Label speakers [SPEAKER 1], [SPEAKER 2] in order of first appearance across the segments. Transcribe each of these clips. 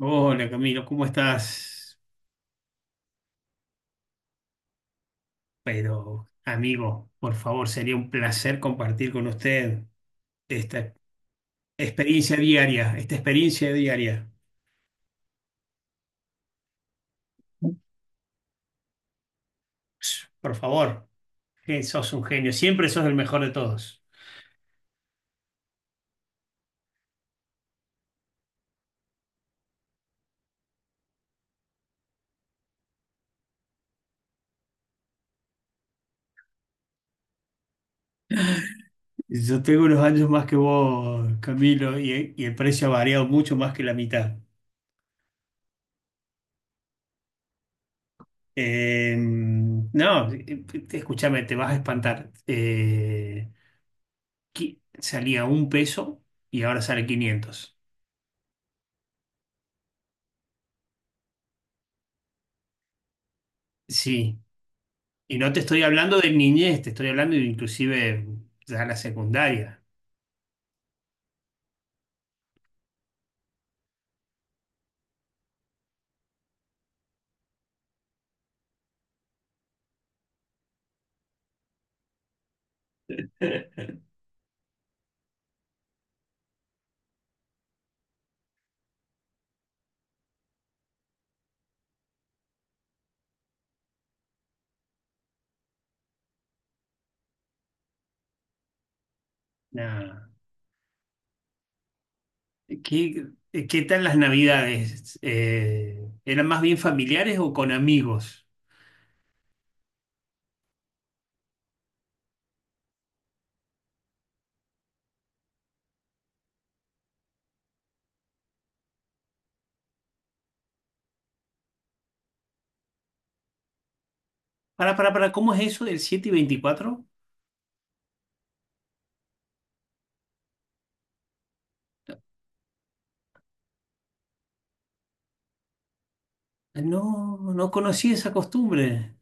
[SPEAKER 1] Hola Camilo, ¿cómo estás? Pero amigo, por favor, sería un placer compartir con usted esta experiencia diaria, Ups, por favor, que sos un genio, siempre sos el mejor de todos. Yo tengo unos años más que vos, Camilo, y el precio ha variado mucho más que la mitad. No, Escúchame, te vas a espantar. Salía un peso y ahora sale 500. Sí. Y no te estoy hablando de niñez, te estoy hablando de inclusive ya la secundaria. Nah, ¿qué, qué tal las navidades? ¿Eran más bien familiares o con amigos? Para, ¿cómo es eso del siete y 24? Ah, no, no conocí esa costumbre.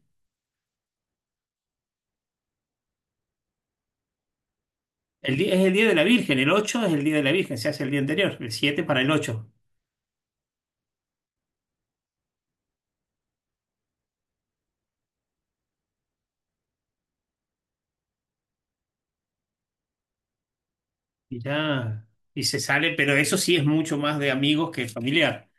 [SPEAKER 1] El día, es el día de la Virgen, el ocho es el día de la Virgen, se hace el día anterior, el 7 para el ocho. Y ya, y se sale, pero eso sí es mucho más de amigos que familiar.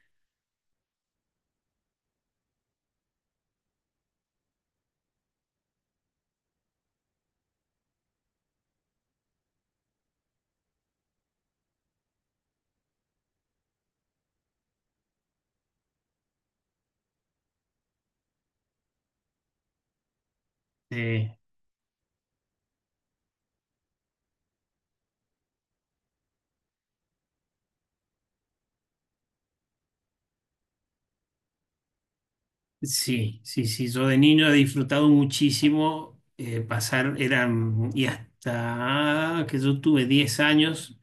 [SPEAKER 1] Sí. Sí, sí, sí. Yo de niño he disfrutado muchísimo, pasar, eran, y hasta que yo tuve 10 años,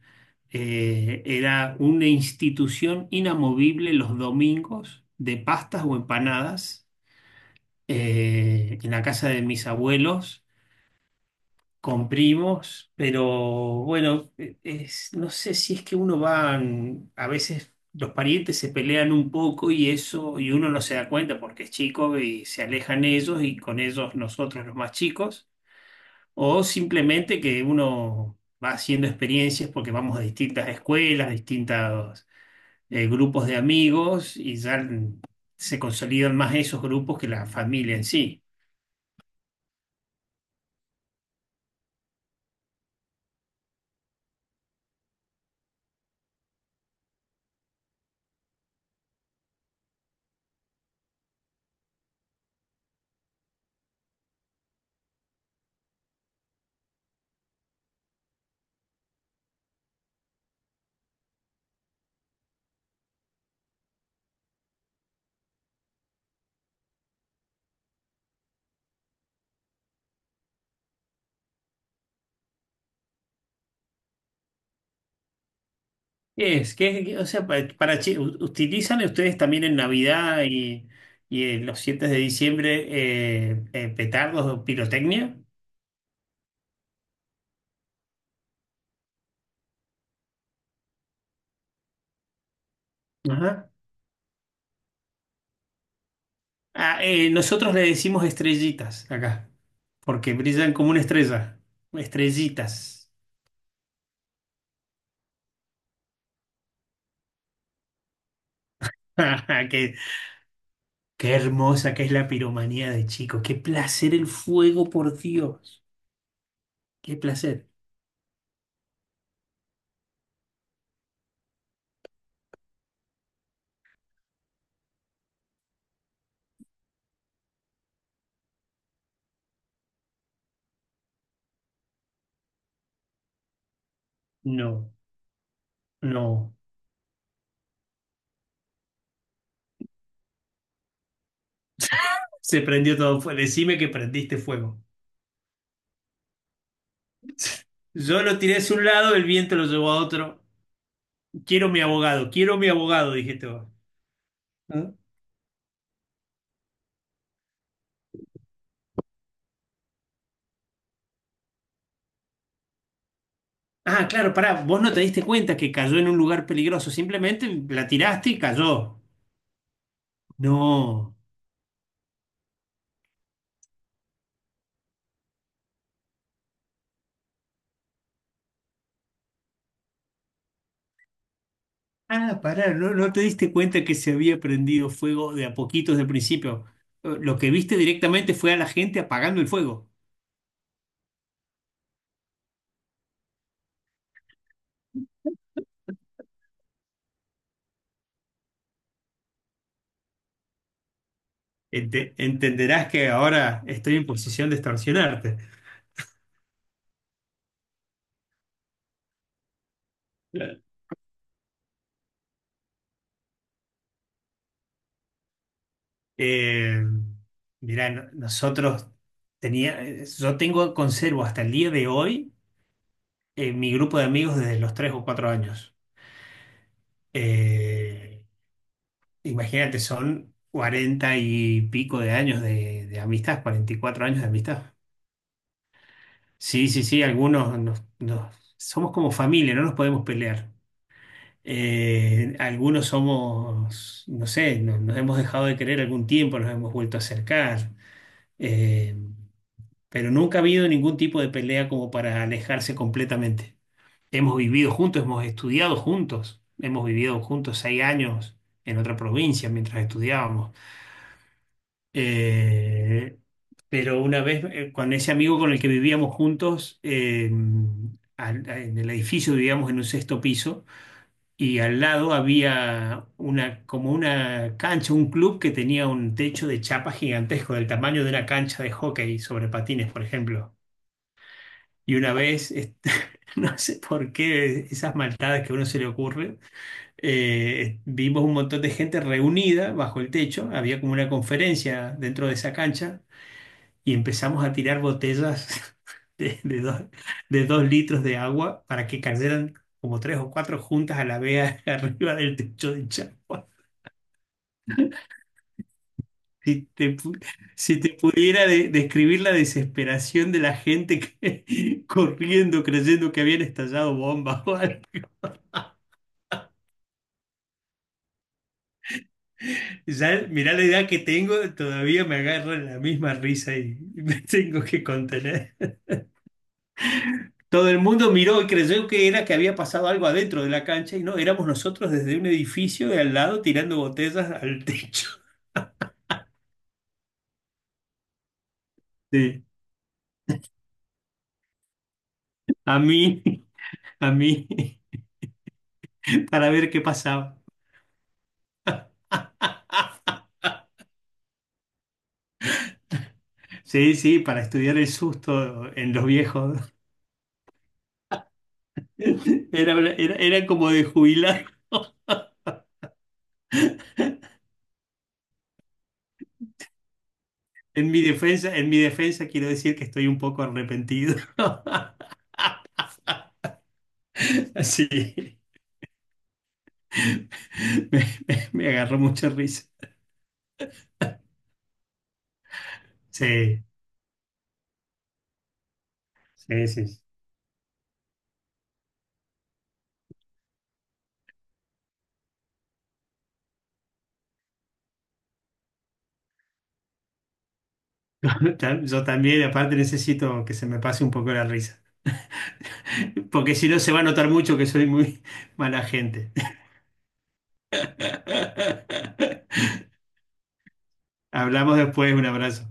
[SPEAKER 1] era una institución inamovible los domingos de pastas o empanadas en la casa de mis abuelos con primos, pero bueno, no sé si es que uno va, a veces los parientes se pelean un poco y eso, y uno no se da cuenta porque es chico y se alejan ellos y con ellos nosotros los más chicos, o simplemente que uno va haciendo experiencias porque vamos a distintas escuelas, distintos grupos de amigos y ya se consolidan más esos grupos que la familia en sí. ¿Qué es? O sea, para, ¿utilizan ustedes también en Navidad y en los 7 de diciembre petardos o pirotecnia? Ajá. Ah, nosotros le decimos estrellitas acá, porque brillan como una estrella. Estrellitas. Qué, qué hermosa que es la piromanía de chicos. Qué placer el fuego, por Dios. Qué placer. No, no. Se prendió todo fuego. Decime que prendiste fuego. Yo lo tiré hacia un lado, el viento lo llevó a otro. Quiero mi abogado, dijiste vos. ¿No? Ah, claro, pará, vos no te diste cuenta que cayó en un lugar peligroso, simplemente la tiraste y cayó. No. Ah, pará, no, no te diste cuenta que se había prendido fuego de a poquitos del principio. Lo que viste directamente fue a la gente apagando el fuego. Entenderás que ahora estoy en posición de extorsionarte. Eh, Mirá, nosotros tenía, yo tengo, conservo hasta el día de hoy mi grupo de amigos desde los 3 o 4 años. Eh, Imagínate, son 40 y pico de años de amistad, 44 años de amistad. Sí, sí, sí, algunos nos, somos como familia, no nos podemos pelear. Algunos somos, no sé, nos hemos dejado de querer algún tiempo, nos hemos vuelto a acercar. Eh, pero nunca ha habido ningún tipo de pelea como para alejarse completamente. Hemos vivido juntos, hemos estudiado juntos, hemos vivido juntos 6 años en otra provincia mientras estudiábamos. Eh, pero una vez, con ese amigo con el que vivíamos juntos, en el edificio vivíamos en un 6.º piso y al lado había una, como una cancha, un club que tenía un techo de chapa gigantesco del tamaño de una cancha de hockey sobre patines, por ejemplo. Y una vez, este, no sé por qué esas maldades que a uno se le ocurre, vimos un montón de gente reunida bajo el techo, había como una conferencia dentro de esa cancha y empezamos a tirar botellas de, de dos, de 2 litros de agua para que cayeran como tres o cuatro juntas a la vez arriba del techo de Chagua. Si te, pu- si te pudiera describir la desesperación de la gente que, corriendo creyendo que habían estallado bombas. Ya, mirá la edad que tengo, todavía me agarra la misma risa y me tengo que contener. Todo el mundo miró y creyó que era que había pasado algo adentro de la cancha y no, éramos nosotros desde un edificio de al lado tirando botellas al techo. Sí, a mí, a mí, para ver qué pasaba. Sí, sí, para estudiar el susto en los viejos. Era, era, era como de jubilar. En mi defensa quiero decir que estoy un poco arrepentido. Sí. Me, me agarró mucha risa. Sí, sí, sí. Yo también, aparte necesito que se me pase un poco la risa, porque si no se va a notar mucho que soy muy mala gente. Hablamos después, un abrazo.